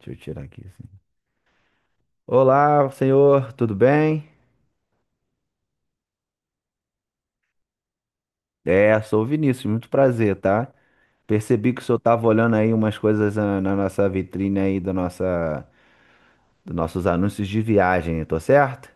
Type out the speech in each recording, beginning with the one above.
Deixa eu tirar aqui, assim. Olá, senhor, tudo bem? É, sou o Vinícius, muito prazer, tá? Percebi que o senhor estava olhando aí umas coisas nossa vitrine aí dos nossos anúncios de viagem, tô certo?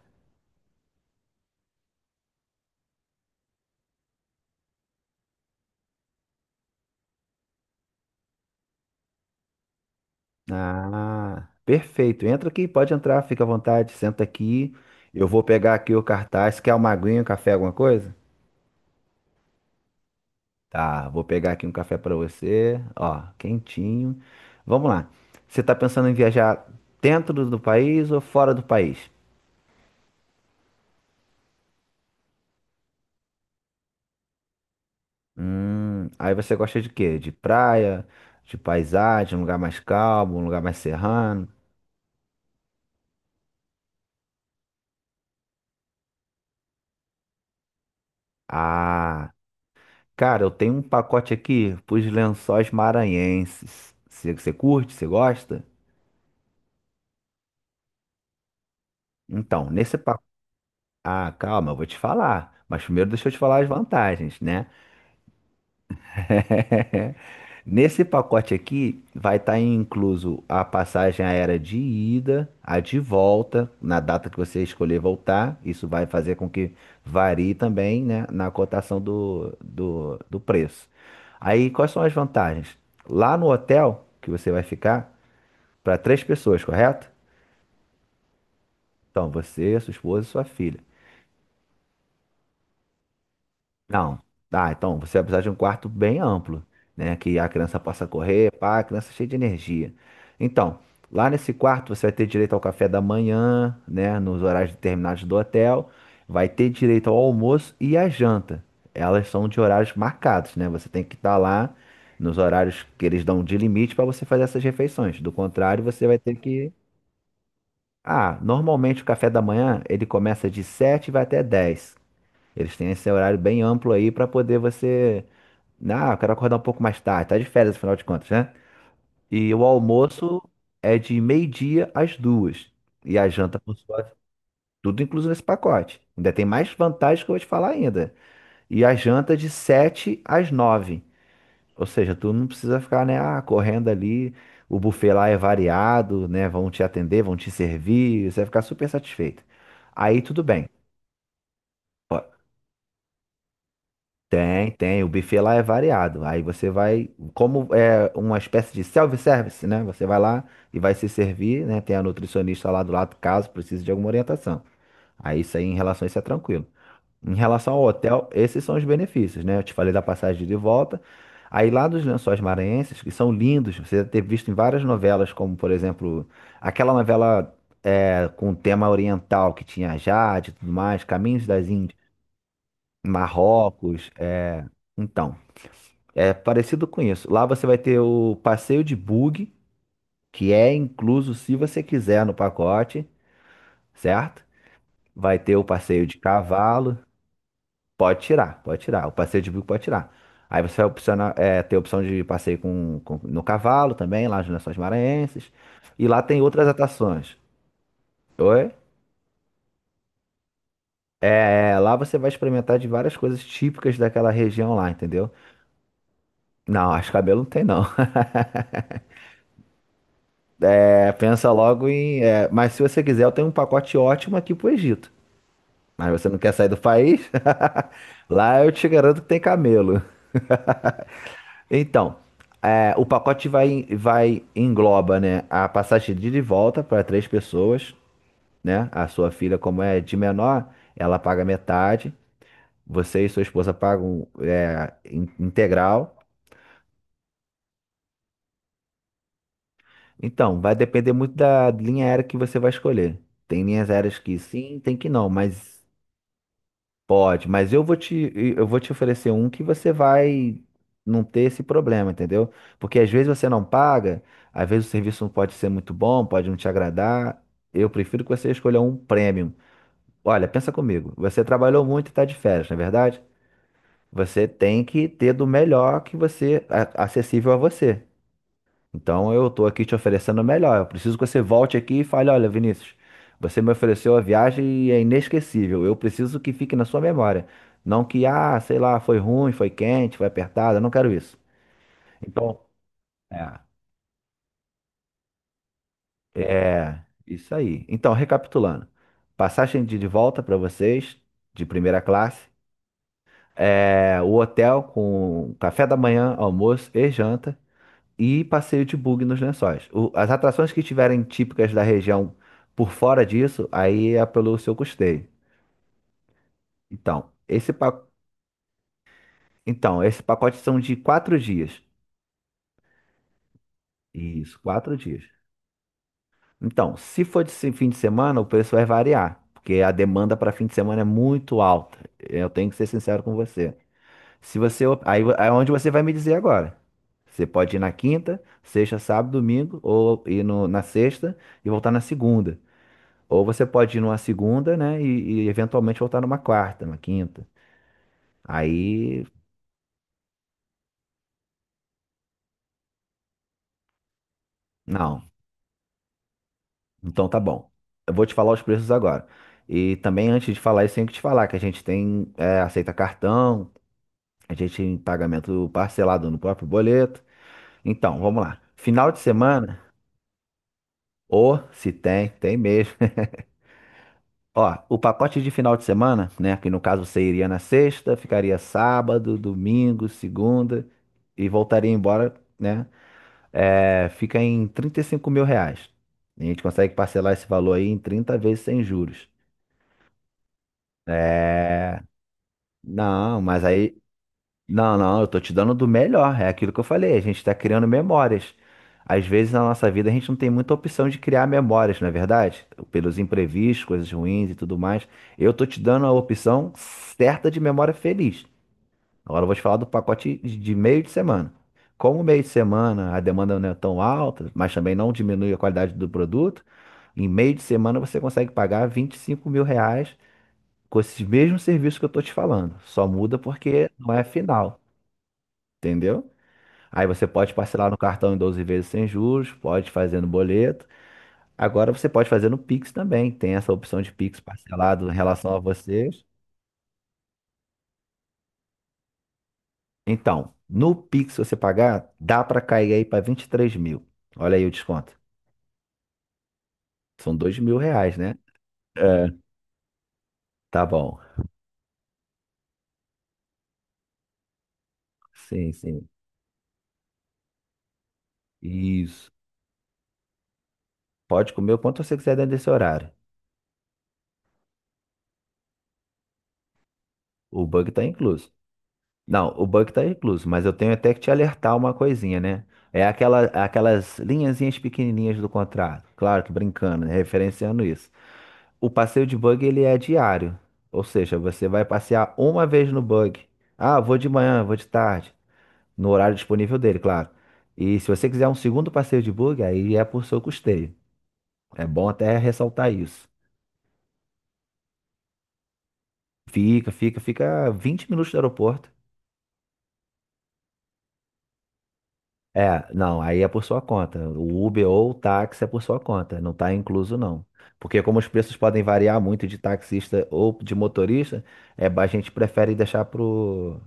Ah, perfeito. Entra aqui, pode entrar, fica à vontade, senta aqui. Eu vou pegar aqui o cartaz. Quer uma aguinha, um café, alguma coisa? Tá, vou pegar aqui um café pra você, ó, quentinho. Vamos lá. Você tá pensando em viajar dentro do país ou fora do país? Aí você gosta de quê? De praia, de paisagem, um lugar mais calmo, um lugar mais serrano? Ah, cara, eu tenho um pacote aqui pros Lençóis Maranhenses. Você curte? Você gosta? Então, nesse pacote. Ah, calma, eu vou te falar. Mas primeiro deixa eu te falar as vantagens, né? Nesse pacote aqui vai estar incluso a passagem aérea de ida, a de volta, na data que você escolher voltar. Isso vai fazer com que varie também, né, na cotação do preço. Aí, quais são as vantagens? Lá no hotel que você vai ficar, para três pessoas, correto? Então, você, sua esposa e sua filha. Não. Ah, então você vai precisar de um quarto bem amplo, né? Que a criança possa correr, pá, a criança cheia de energia. Então, lá nesse quarto você vai ter direito ao café da manhã, né? Nos horários determinados do hotel. Vai ter direito ao almoço e à janta. Elas são de horários marcados, né? Você tem que estar lá nos horários que eles dão de limite para você fazer essas refeições. Do contrário, você vai ter que. Ah, normalmente o café da manhã ele começa de 7 e vai até 10. Eles têm esse horário bem amplo aí pra poder você. Ah, eu quero acordar um pouco mais tarde. Tá de férias, afinal de contas, né? E o almoço é de meio-dia às 2. E a janta, por sua vez, tudo incluso nesse pacote. Ainda tem mais vantagens que eu vou te falar ainda. E a janta é de 7 às 9. Ou seja, tu não precisa ficar, né, correndo ali. O buffet lá é variado, né? Vão te atender, vão te servir. Você vai ficar super satisfeito. Aí tudo bem. Tem, tem. O buffet lá é variado. Aí você vai, como é uma espécie de self-service, né? Você vai lá e vai se servir, né? Tem a nutricionista lá do lado, caso precise de alguma orientação. Aí isso aí, em relação a isso, é tranquilo. Em relação ao hotel, esses são os benefícios, né? Eu te falei da passagem de volta. Aí lá dos Lençóis Maranhenses, que são lindos, você deve ter visto em várias novelas, como por exemplo, aquela novela com tema oriental que tinha Jade e tudo mais, Caminhos das Índias, Marrocos, então. É parecido com isso. Lá você vai ter o passeio de bug, que é incluso se você quiser no pacote, certo? Vai ter o passeio de cavalo. Pode tirar, pode tirar. O passeio de bug pode tirar. Aí você vai opcionar, ter a opção de passeio no cavalo também, lá nas Lençóis Maranhenses. E lá tem outras atrações. Oi? É, lá você vai experimentar de várias coisas típicas daquela região lá, entendeu? Não, acho que cabelo não tem não. É, pensa logo em. Mas se você quiser, eu tenho um pacote ótimo aqui pro Egito. Mas você não quer sair do país? Lá eu te garanto que tem camelo. Então, o pacote vai engloba, né, a passagem de ida e volta para três pessoas, né? A sua filha, como é de menor, ela paga metade. Você e sua esposa pagam integral. Então, vai depender muito da linha aérea que você vai escolher. Tem linhas aéreas que sim, tem que não, mas pode, mas eu vou te oferecer um que você vai não ter esse problema, entendeu? Porque às vezes você não paga, às vezes o serviço não pode ser muito bom, pode não te agradar. Eu prefiro que você escolha um premium. Olha, pensa comigo, você trabalhou muito e está de férias, não é verdade? Você tem que ter do melhor que você, acessível a você. Então eu tô aqui te oferecendo o melhor. Eu preciso que você volte aqui e fale: olha, Vinícius, você me ofereceu a viagem e é inesquecível. Eu preciso que fique na sua memória. Não que, ah, sei lá, foi ruim, foi quente, foi apertado. Eu não quero isso. Então, é, é isso aí. Então, recapitulando: passagem de volta para vocês, de primeira classe. É, o hotel com café da manhã, almoço e janta. E passeio de bug nos lençóis. As atrações que estiverem típicas da região por fora disso, aí é pelo seu custeio. Então, então, esse pacote são de 4 dias. Isso, 4 dias. Então, se for de fim de semana, o preço vai variar, porque a demanda para fim de semana é muito alta. Eu tenho que ser sincero com você. Se você, op- Aí é onde você vai me dizer agora. Você pode ir na quinta, sexta, sábado, domingo, ou ir na sexta e voltar na segunda. Ou você pode ir numa segunda, né? E eventualmente voltar numa quarta, numa quinta. Aí, não. Então tá bom. Eu vou te falar os preços agora. E também, antes de falar isso, tenho que te falar que a gente tem, aceita cartão, a gente tem pagamento parcelado no próprio boleto. Então, vamos lá. Final de semana, ou se tem, tem mesmo. Ó, o pacote de final de semana, né? Que no caso você iria na sexta, ficaria sábado, domingo, segunda e voltaria embora, né? É, fica em R$ 35.000. A gente consegue parcelar esse valor aí em 30 vezes sem juros. É, não, mas aí. Não, não, eu tô te dando do melhor. É aquilo que eu falei, a gente tá criando memórias. Às vezes na nossa vida a gente não tem muita opção de criar memórias, não é verdade? Pelos imprevistos, coisas ruins e tudo mais. Eu tô te dando a opção certa de memória feliz. Agora eu vou te falar do pacote de meio de semana. Como o meio de semana a demanda não é tão alta, mas também não diminui a qualidade do produto, em meio de semana você consegue pagar R$ 25.000 com esses mesmos serviços que eu tô te falando. Só muda porque não é final, entendeu? Aí você pode parcelar no cartão em 12 vezes sem juros, pode fazer no boleto. Agora você pode fazer no Pix também. Tem essa opção de Pix parcelado em relação a vocês. Então, no Pix, se você pagar, dá pra cair aí pra 23.000. Olha aí o desconto. São R$ 2.000, né? É. Tá bom. Sim, sim. Isso. Pode comer o quanto você quiser dentro desse horário. O bug tá incluso. Não, o bug tá incluso, mas eu tenho até que te alertar uma coisinha, né? É aquelas linhazinhas pequenininhas do contrato. Claro que brincando, né? Referenciando isso. O passeio de bug, ele é diário. Ou seja, você vai passear uma vez no bug. Ah, vou de manhã, vou de tarde. No horário disponível dele, claro. E se você quiser um segundo passeio de bug, aí é por seu custeio. É bom até ressaltar isso. Fica, fica, fica 20 minutos do aeroporto. É, não, aí é por sua conta. O Uber ou o táxi é por sua conta, não está incluso não. Porque como os preços podem variar muito de taxista ou de motorista, a gente prefere deixar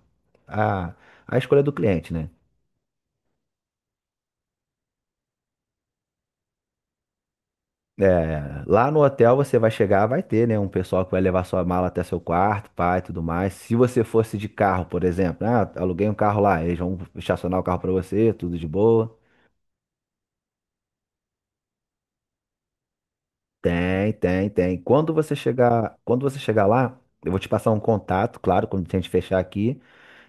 a, a escolha do cliente, né? É, lá no hotel você vai chegar, vai ter, né, um pessoal que vai levar sua mala até seu quarto, pai, tudo mais. Se você fosse de carro, por exemplo, ah, aluguei um carro lá, eles vão estacionar o carro pra você, tudo de boa. Tem, tem, tem. Quando você chegar lá, eu vou te passar um contato, claro, quando a gente fechar aqui,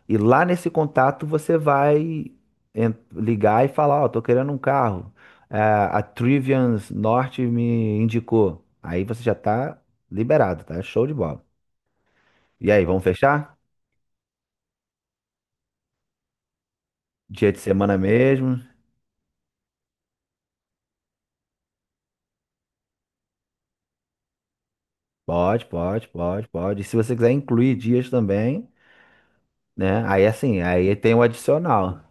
e lá nesse contato você vai ligar e falar, ó, tô querendo um carro. É, a Trivians Norte me indicou. Aí você já tá liberado, tá? Show de bola. E aí, vamos fechar? Dia de semana mesmo? Pode, pode, pode, pode. E se você quiser incluir dias também, né? Aí assim, aí tem o adicional.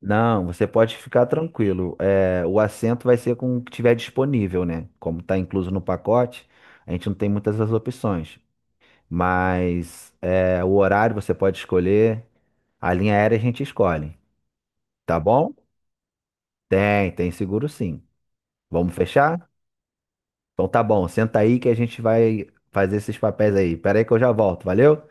Não, você pode ficar tranquilo. É, o assento vai ser com o que tiver disponível, né? Como está incluso no pacote, a gente não tem muitas as opções. Mas o horário você pode escolher, a linha aérea a gente escolhe, tá bom? Tem, tem seguro sim. Vamos fechar? Então tá bom, senta aí que a gente vai fazer esses papéis aí. Pera aí que eu já volto, valeu?